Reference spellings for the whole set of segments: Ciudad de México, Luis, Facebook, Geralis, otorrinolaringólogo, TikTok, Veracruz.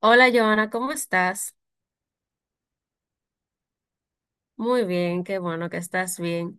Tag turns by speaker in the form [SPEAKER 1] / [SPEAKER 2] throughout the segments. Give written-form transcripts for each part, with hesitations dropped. [SPEAKER 1] Hola, Joana, ¿cómo estás? Muy bien, qué bueno que estás bien.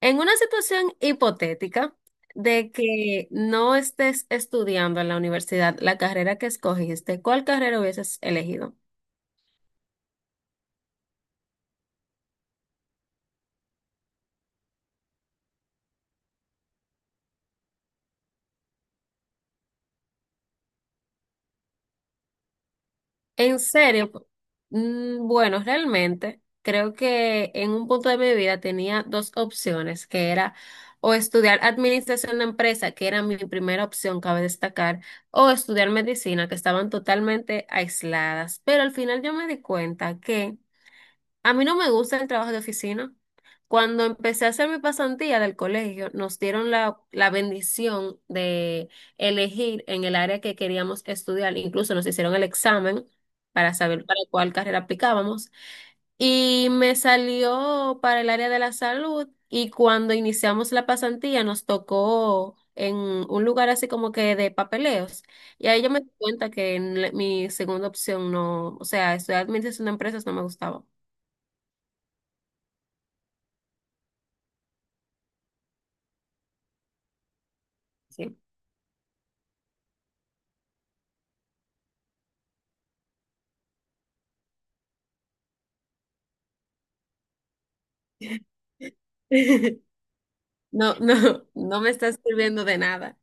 [SPEAKER 1] En una situación hipotética de que no estés estudiando en la universidad la carrera que escogiste, ¿cuál carrera hubieses elegido? En serio, bueno, realmente creo que en un punto de mi vida tenía dos opciones, que era o estudiar administración de empresa, que era mi primera opción, cabe destacar, o estudiar medicina, que estaban totalmente aisladas. Pero al final yo me di cuenta que a mí no me gusta el trabajo de oficina. Cuando empecé a hacer mi pasantía del colegio, nos dieron la bendición de elegir en el área que queríamos estudiar. Incluso nos hicieron el examen para saber para cuál carrera aplicábamos. Y me salió para el área de la salud. Y cuando iniciamos la pasantía, nos tocó en un lugar así como que de papeleos. Y ahí yo me di cuenta que mi segunda opción no, o sea, estudiar administración de empresas no me gustaba. Sí. No, no, no me estás sirviendo de nada.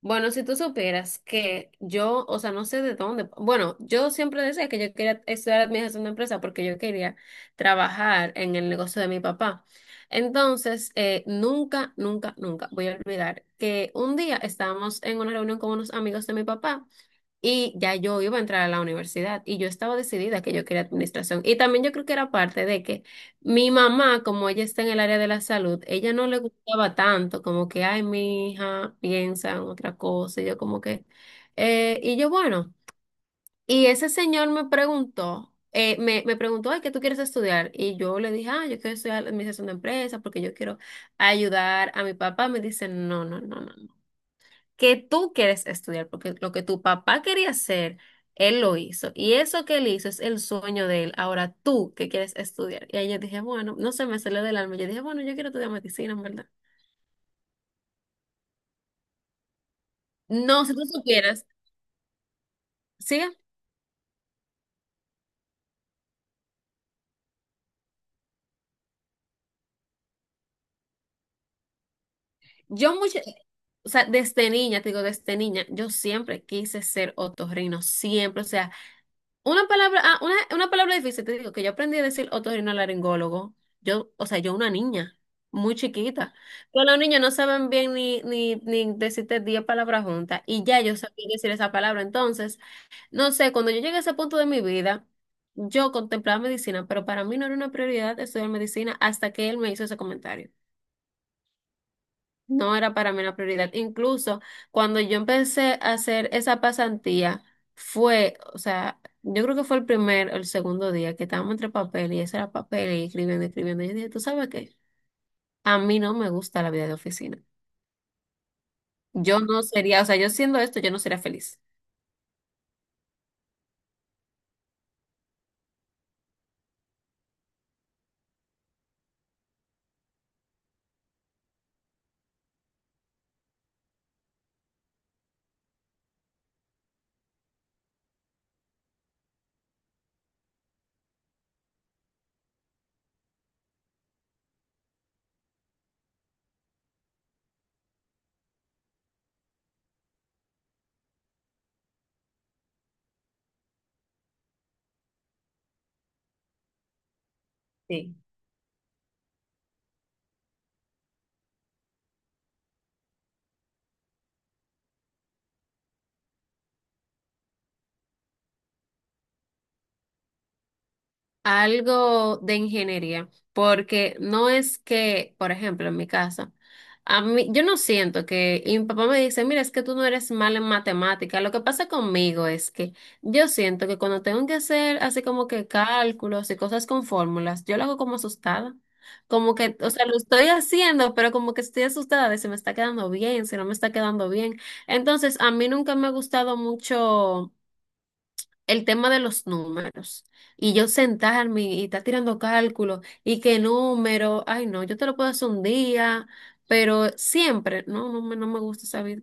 [SPEAKER 1] Bueno, si tú supieras que yo, o sea, no sé de dónde, bueno, yo siempre decía que yo quería estudiar administración de empresa porque yo quería trabajar en el negocio de mi papá. Entonces, nunca, nunca, nunca voy a olvidar que un día estábamos en una reunión con unos amigos de mi papá y ya yo iba a entrar a la universidad y yo estaba decidida que yo quería administración. Y también yo creo que era parte de que mi mamá, como ella está en el área de la salud, ella no le gustaba tanto, como que, ay, mi hija piensa en otra cosa, y yo como que, bueno, y ese señor me preguntó, me preguntó, ay, ¿qué tú quieres estudiar? Y yo le dije, ah, yo quiero estudiar administración de empresas porque yo quiero ayudar a mi papá. Me dice, no, no, no, no que tú quieres estudiar, porque lo que tu papá quería hacer, él lo hizo. Y eso que él hizo es el sueño de él. Ahora tú que quieres estudiar. Y ahí yo dije, bueno, no se me salió del alma. Yo dije, bueno, yo quiero estudiar medicina, en verdad. No, si tú supieras, sí, yo mucho, o sea, desde niña, te digo, desde niña, yo siempre quise ser otorrino, siempre, o sea. Una palabra, una palabra difícil, te digo, que yo aprendí a decir otorrinolaringólogo. Yo, o sea, yo una niña, muy chiquita. Pero los niños no saben bien ni decirte 10 palabras juntas. Y ya yo sabía decir esa palabra. Entonces, no sé, cuando yo llegué a ese punto de mi vida, yo contemplaba medicina, pero para mí no era una prioridad estudiar medicina hasta que él me hizo ese comentario. No era para mí una prioridad. Incluso cuando yo empecé a hacer esa pasantía, fue, o sea, yo creo que fue el primer o el segundo día que estábamos entre papel y eso era papel y escribiendo, escribiendo. Y yo dije, ¿tú sabes qué? A mí no me gusta la vida de oficina. Yo no sería, o sea, yo siendo esto, yo no sería feliz. Sí. Algo de ingeniería, porque no es que, por ejemplo, en mi casa, a mí, yo no siento que, y mi papá me dice, mira, es que tú no eres mal en matemática. Lo que pasa conmigo es que yo siento que cuando tengo que hacer así como que cálculos y cosas con fórmulas, yo lo hago como asustada. Como que, o sea, lo estoy haciendo, pero como que estoy asustada de si me está quedando bien, si no me está quedando bien. Entonces, a mí nunca me ha gustado mucho el tema de los números y yo sentarme y estar tirando cálculos y qué número, ay no, yo te lo puedo hacer un día, pero siempre, no, no me gusta saber.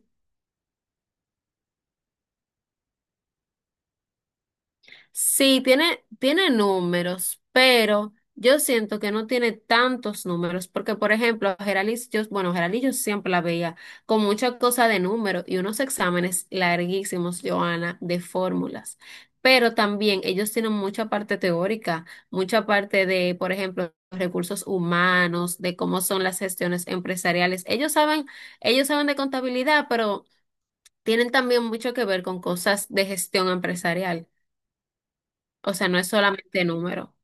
[SPEAKER 1] Sí, tiene, tiene números, pero yo siento que no tiene tantos números, porque por ejemplo, a Geralis, yo, bueno, Geralis yo siempre la veía con muchas cosas de números y unos exámenes larguísimos, Joana, de fórmulas. Pero también ellos tienen mucha parte teórica, mucha parte de, por ejemplo, recursos humanos, de cómo son las gestiones empresariales. Ellos saben de contabilidad, pero tienen también mucho que ver con cosas de gestión empresarial. O sea, no es solamente número.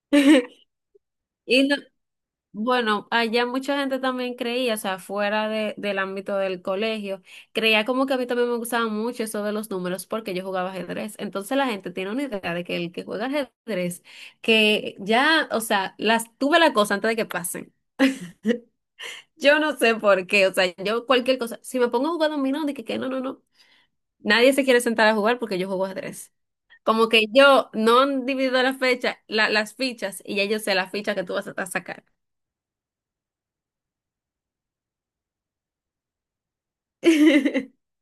[SPEAKER 1] Y no- bueno, allá mucha gente también creía, o sea, fuera de, del ámbito del colegio, creía como que a mí también me gustaba mucho eso de los números porque yo jugaba ajedrez. Entonces la gente tiene una idea de que el que juega ajedrez, que ya, o sea, las tuve la cosa antes de que pasen. Yo no sé por qué, o sea, yo cualquier cosa, si me pongo a jugar dominó, dije que no, no, no, nadie se quiere sentar a jugar porque yo juego ajedrez. Como que yo no divido las fichas, y ya yo sé la ficha que tú vas a sacar.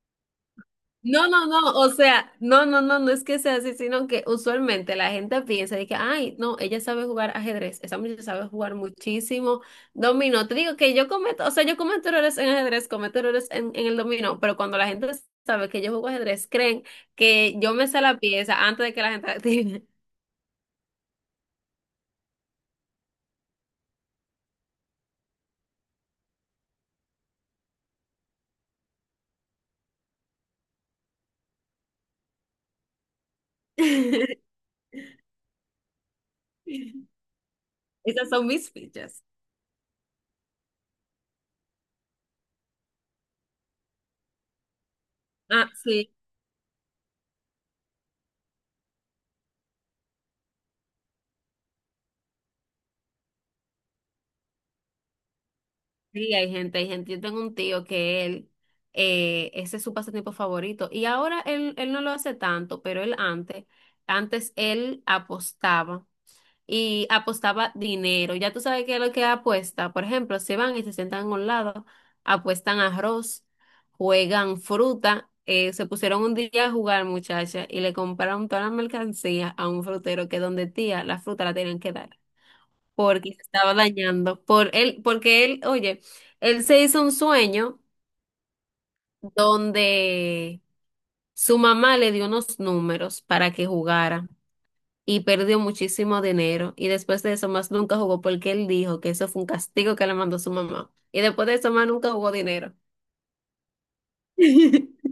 [SPEAKER 1] No, no, no, o sea, no, no, no, no es que sea así, sino que usualmente la gente piensa de que, ay, no, ella sabe jugar ajedrez, esa muchacha sabe jugar muchísimo dominó. Te digo que yo cometo, o sea, yo cometo errores en ajedrez, cometo errores en el dominó, pero cuando la gente sabe que yo juego ajedrez, creen que yo me sé la pieza antes de que la gente la tire. Esas son mis fichas. Ah, sí. Sí, hay gente, hay gente. Yo tengo un tío que él, ese es su pasatiempo favorito. Y ahora él, él no lo hace tanto, pero él antes, antes él apostaba y apostaba dinero. Ya tú sabes qué es lo que apuesta. Por ejemplo, se van y se sientan a un lado, apuestan arroz, juegan fruta. Se pusieron un día a jugar, muchacha, y le compraron toda la mercancía a un frutero que donde tía la fruta la tenían que dar porque se estaba dañando. Por él, porque él, oye, él se hizo un sueño donde su mamá le dio unos números para que jugara y perdió muchísimo dinero. Y después de eso, más nunca jugó porque él dijo que eso fue un castigo que le mandó su mamá. Y después de eso, más nunca jugó dinero.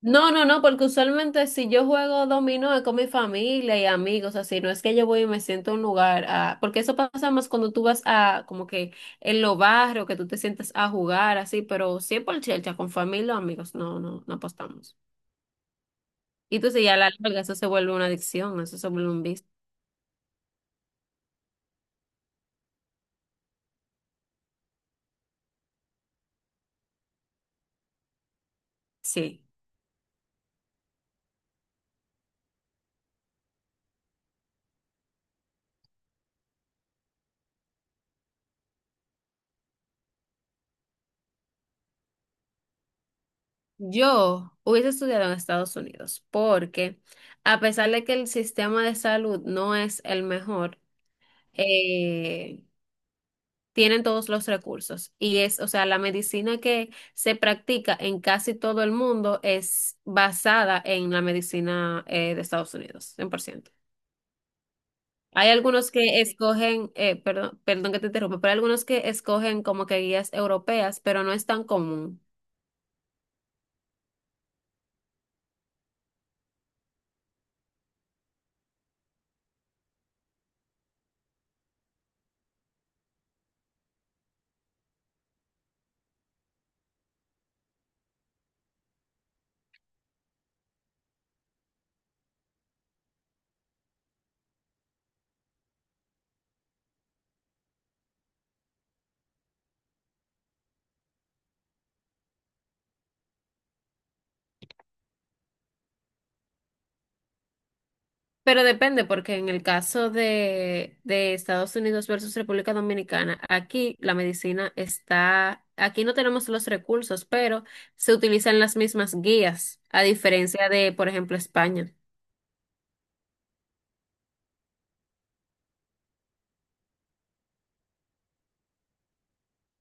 [SPEAKER 1] No, no, no, porque usualmente si yo juego dominó es con mi familia y amigos, así, no es que yo voy y me siento en un lugar, ah, porque eso pasa más cuando tú vas a, como que en los barrios, que tú te sientas a jugar, así, pero siempre el chelcha con familia o amigos, no, no, no apostamos. Y tú sí, a la larga eso se vuelve una adicción, eso se vuelve un vicio. Sí, yo hubiese estudiado en Estados Unidos, porque a pesar de que el sistema de salud no es el mejor, eh, tienen todos los recursos. Y es, o sea, la medicina que se practica en casi todo el mundo es basada en la medicina de Estados Unidos, 100%. Hay algunos que escogen, perdón, perdón que te interrumpa, pero hay algunos que escogen como que guías europeas, pero no es tan común. Pero depende, porque en el caso de Estados Unidos versus República Dominicana, aquí la medicina está, aquí no tenemos los recursos, pero se utilizan las mismas guías, a diferencia de, por ejemplo, España.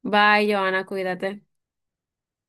[SPEAKER 1] Bye, Joana, cuídate.